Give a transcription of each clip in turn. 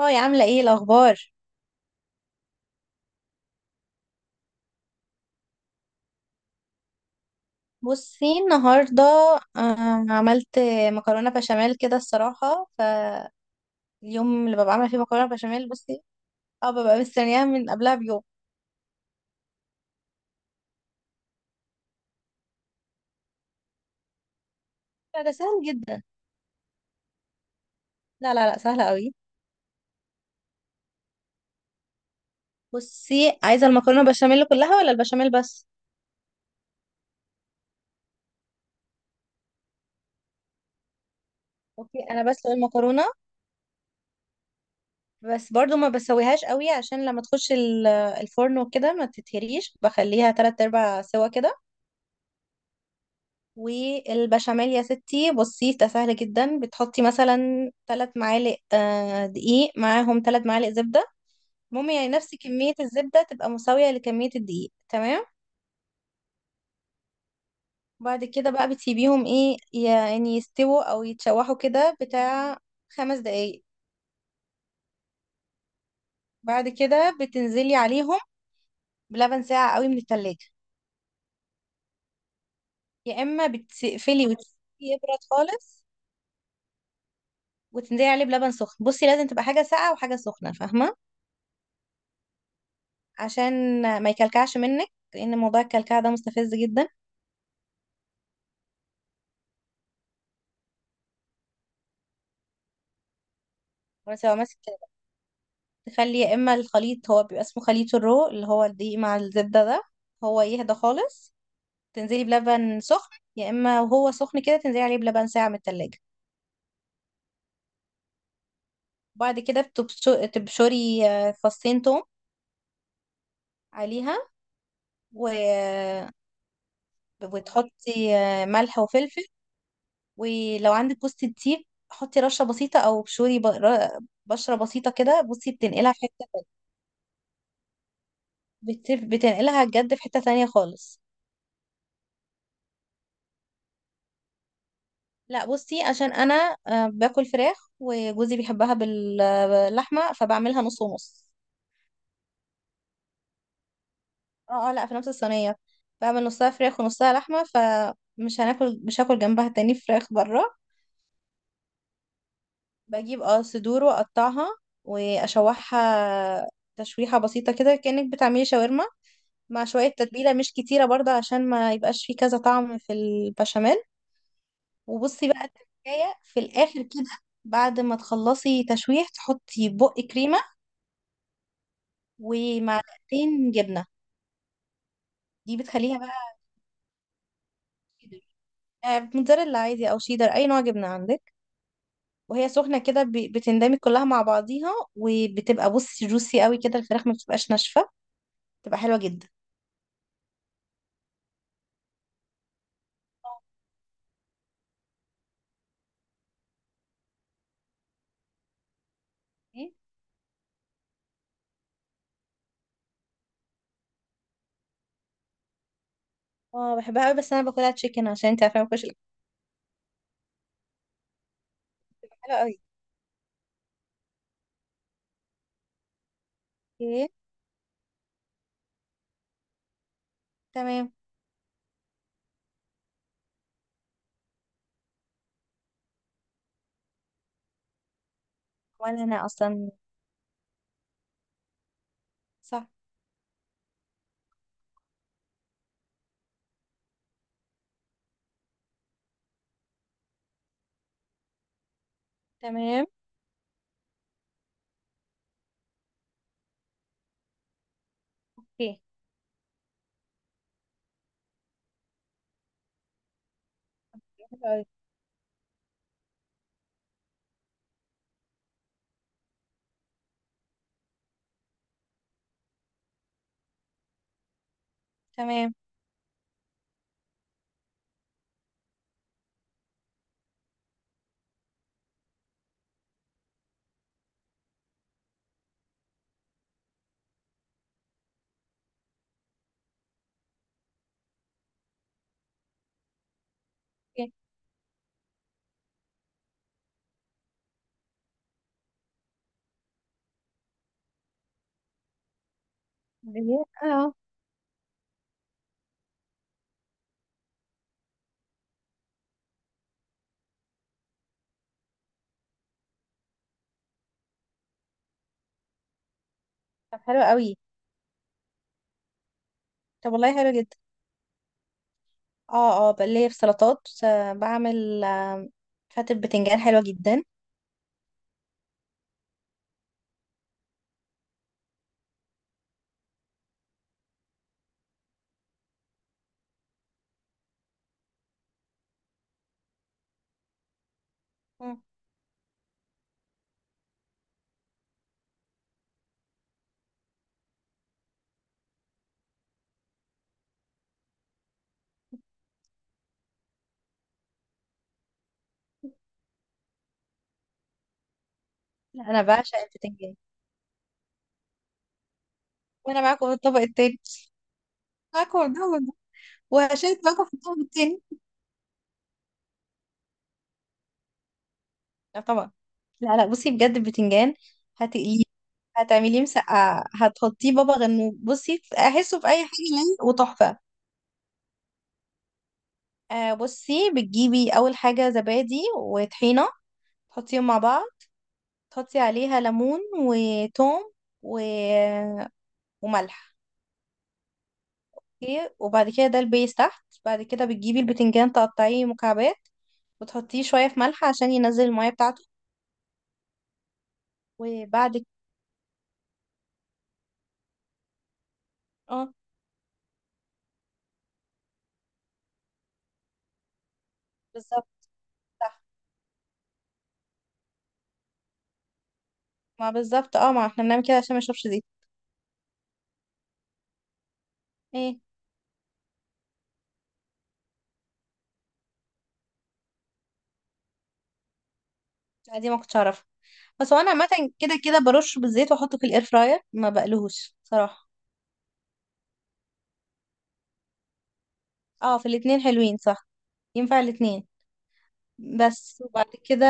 هاي عاملة ايه الأخبار؟ بصي النهاردة، عملت مكرونة بشاميل كده الصراحة. فاليوم اللي ببقى عاملة فيه مكرونة بشاميل. بصي، اه ببقى مستنياها من قبلها بيوم. لا ده سهل جدا، لا لا لا، سهلة قوي. بصي، عايزة المكرونة بشاميل كلها ولا البشاميل بس؟ اوكي، أنا بسلق المكرونة، بس برضو ما بسويهاش قوي عشان لما تخش الفرن وكده ما تتهريش، بخليها تلات أرباع سوا كده. والبشاميل يا ستي، بصي ده سهل جدا، بتحطي مثلا 3 معالق دقيق، معاهم 3 معالق زبدة. المهم يعني نفس كمية الزبدة تبقى مساوية لكمية الدقيق، تمام. بعد كده بقى بتسيبيهم ايه، يعني يستووا او يتشوحوا كده بتاع 5 دقايق. بعد كده بتنزلي عليهم بلبن ساقع قوي من التلاجة، يا اما بتقفلي وتسيبيه يبرد خالص، وتنزلي عليه بلبن سخن. بصي لازم تبقى حاجة ساقعة وحاجة سخنة، فاهمة؟ عشان ما يكلكعش منك، لان موضوع الكلكعه ده مستفز جدا. وانت لو ماسك، تخلي يا اما الخليط، هو بيبقى اسمه خليط الرو، اللي هو الدقيق مع الزبده ده، هو يهدى خالص. تنزلي بلبن سخن، يا اما وهو سخن كده تنزلي عليه بلبن ساعه من التلاجة. وبعد كده تبشري فصين توم عليها، و... وتحطي ملح وفلفل. ولو عندك جوز الطيب، حطي رشه بسيطه، او ابشري بشره بسيطه كده. بصي بتنقلها في حته، بتنقلها بجد في حتة تانية خالص. لا بصي عشان انا، باكل فراخ، وجوزي بيحبها باللحمة، فبعملها نص ونص. اه اه، لا في نفس الصينية، بعمل نصها فراخ ونصها لحمة، فمش هناكل مش هاكل جنبها تاني فراخ بره. بجيب صدور واقطعها واشوحها تشويحة بسيطة كده، كأنك بتعملي شاورما، مع شوية تتبيلة مش كتيرة برضه، عشان ما يبقاش فيه كذا طعم في البشاميل. وبصي بقى التركاية في الآخر كده، بعد ما تخلصي تشويح تحطي بق كريمة ومعلقتين جبنة. دي بتخليها بقى شيدر، موتزاريلا عادي أو شيدر، أي نوع جبنة عندك. وهي سخنة كده بتندمج كلها مع بعضيها، وبتبقى بصي جوسي قوي كده، الفراخ ما بتبقاش ناشفة، بتبقى حلوة جدا. أوكي. اه بحبها قوي، بس انا باكلها تشيكن عشان انت عارفه ما باكلش الاكل. حلو قوي. اوكي تمام. ولا انا اصلا. صح. تمام. اوكي. حلو قوي. تمام. اوكي. اه. طب حلو قوي. طب والله حلو جدا. اه اه، بقى ليا في سلطات، بعمل فتة بتنجان حلوة جدا. مم. لا انا بعشق البتنجان. وانا معاكم في الطبق التاني، معاكم في الطبق ده، وهشارك معاكم في الطبق التاني. لا طبعا. لا لا، بصي بجد البتنجان. هتقليه، هتعمليه مسقعة، هتحطيه بابا غنوج، بصي احسه في اي حاجة ليه وتحفة. بصي بتجيبي اول حاجة زبادي وطحينة، تحطيهم مع بعض، تحطي عليها ليمون وتوم و وملح. اوكي، وبعد كده ده البيس تحت. بعد كده بتجيبي البتنجان تقطعيه مكعبات، وتحطيه شوية في ملح عشان ينزل المية بتاعته. وبعد ك- اه بالظبط صح. ما بالظبط، اه ما احنا بنعمل كده عشان ما يشربش زيت. ايه. لا دي ما كنتش اعرفها. بس هو انا عامة كده كده برش بالزيت واحطه في الاير فراير، ما بقلهوش صراحة. اه، في الاتنين حلوين، صح ينفع الاتنين. بس وبعد كده،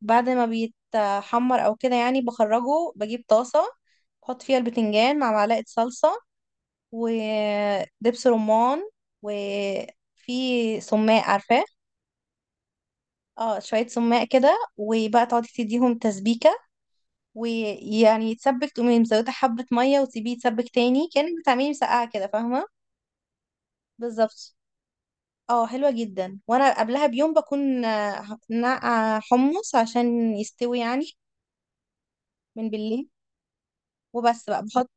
بعد ما بيتحمر او كده يعني بخرجه، بجيب طاسة، بحط فيها البتنجان مع معلقة صلصة ودبس رمان، وفي سماق، عارفاه؟ اه، شوية سماق كده، وبقى تقعدي تديهم تسبيكة ويعني يتسبك، تقومي مزودة حبة مية وتسيبيه يتسبك تاني، كأنك بتعملي مسقعة كده، فاهمة؟ بالظبط. اه حلوة جدا. وانا قبلها بيوم بكون نقع حمص عشان يستوي يعني، من بالليل. وبس بقى بحط،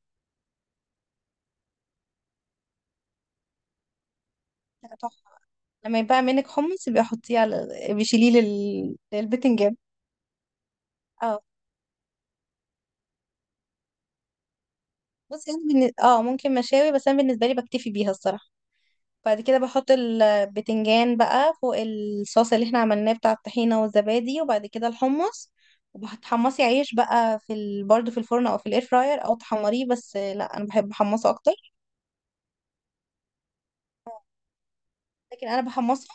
تحفة، لما يبقى منك حمص بيحطيه على، بيشيليه للبتنجان. اه بصي انا ممكن مشاوي، بس انا بالنسبه لي بكتفي بيها الصراحه. بعد كده بحط البتنجان بقى فوق الصوص اللي احنا عملناه بتاع الطحينه والزبادي، وبعد كده الحمص. وبتحمصي عيش بقى برضه في الفرن او في الاير فراير، او تحمريه، بس لا انا بحب احمصه اكتر. لكن انا بحمصه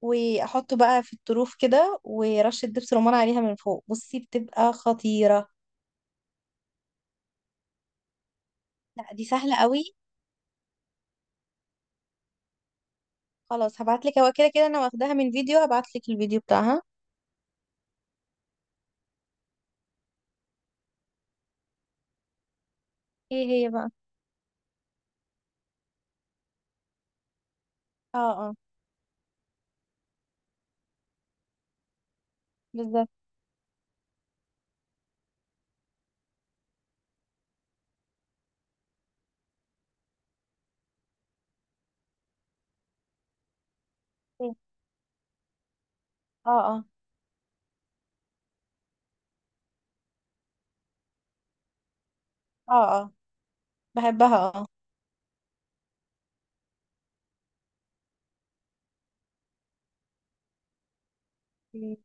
واحطه بقى في الطروف كده، ورشه دبس رمان عليها من فوق، بصي بتبقى خطيره. لا دي سهله قوي، خلاص هبعتلك. هو كده كده انا واخداها من فيديو، هبعتلك الفيديو بتاعها. ايه هي بقى؟ اه اه بالظبط. إيه. اه اه. اه اه بحبها اه. مم.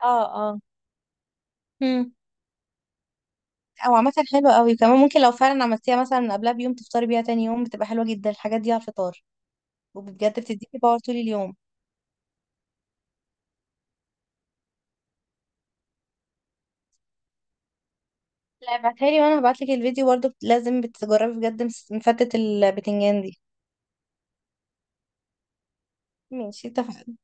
اه اه. مم. او عامة حلوة قوي كمان، ممكن لو فعلا عملتيها مثلا قبلها بيوم تفطري بيها تاني يوم، بتبقى حلوة جدا الحاجات دي على الفطار، وبجد بتديكي باور طول اليوم. لا ابعتها لي، وانا هبعتلك الفيديو برضه، لازم بتجربي بجد، مفتة البتنجان دي. ماشي اتفقنا.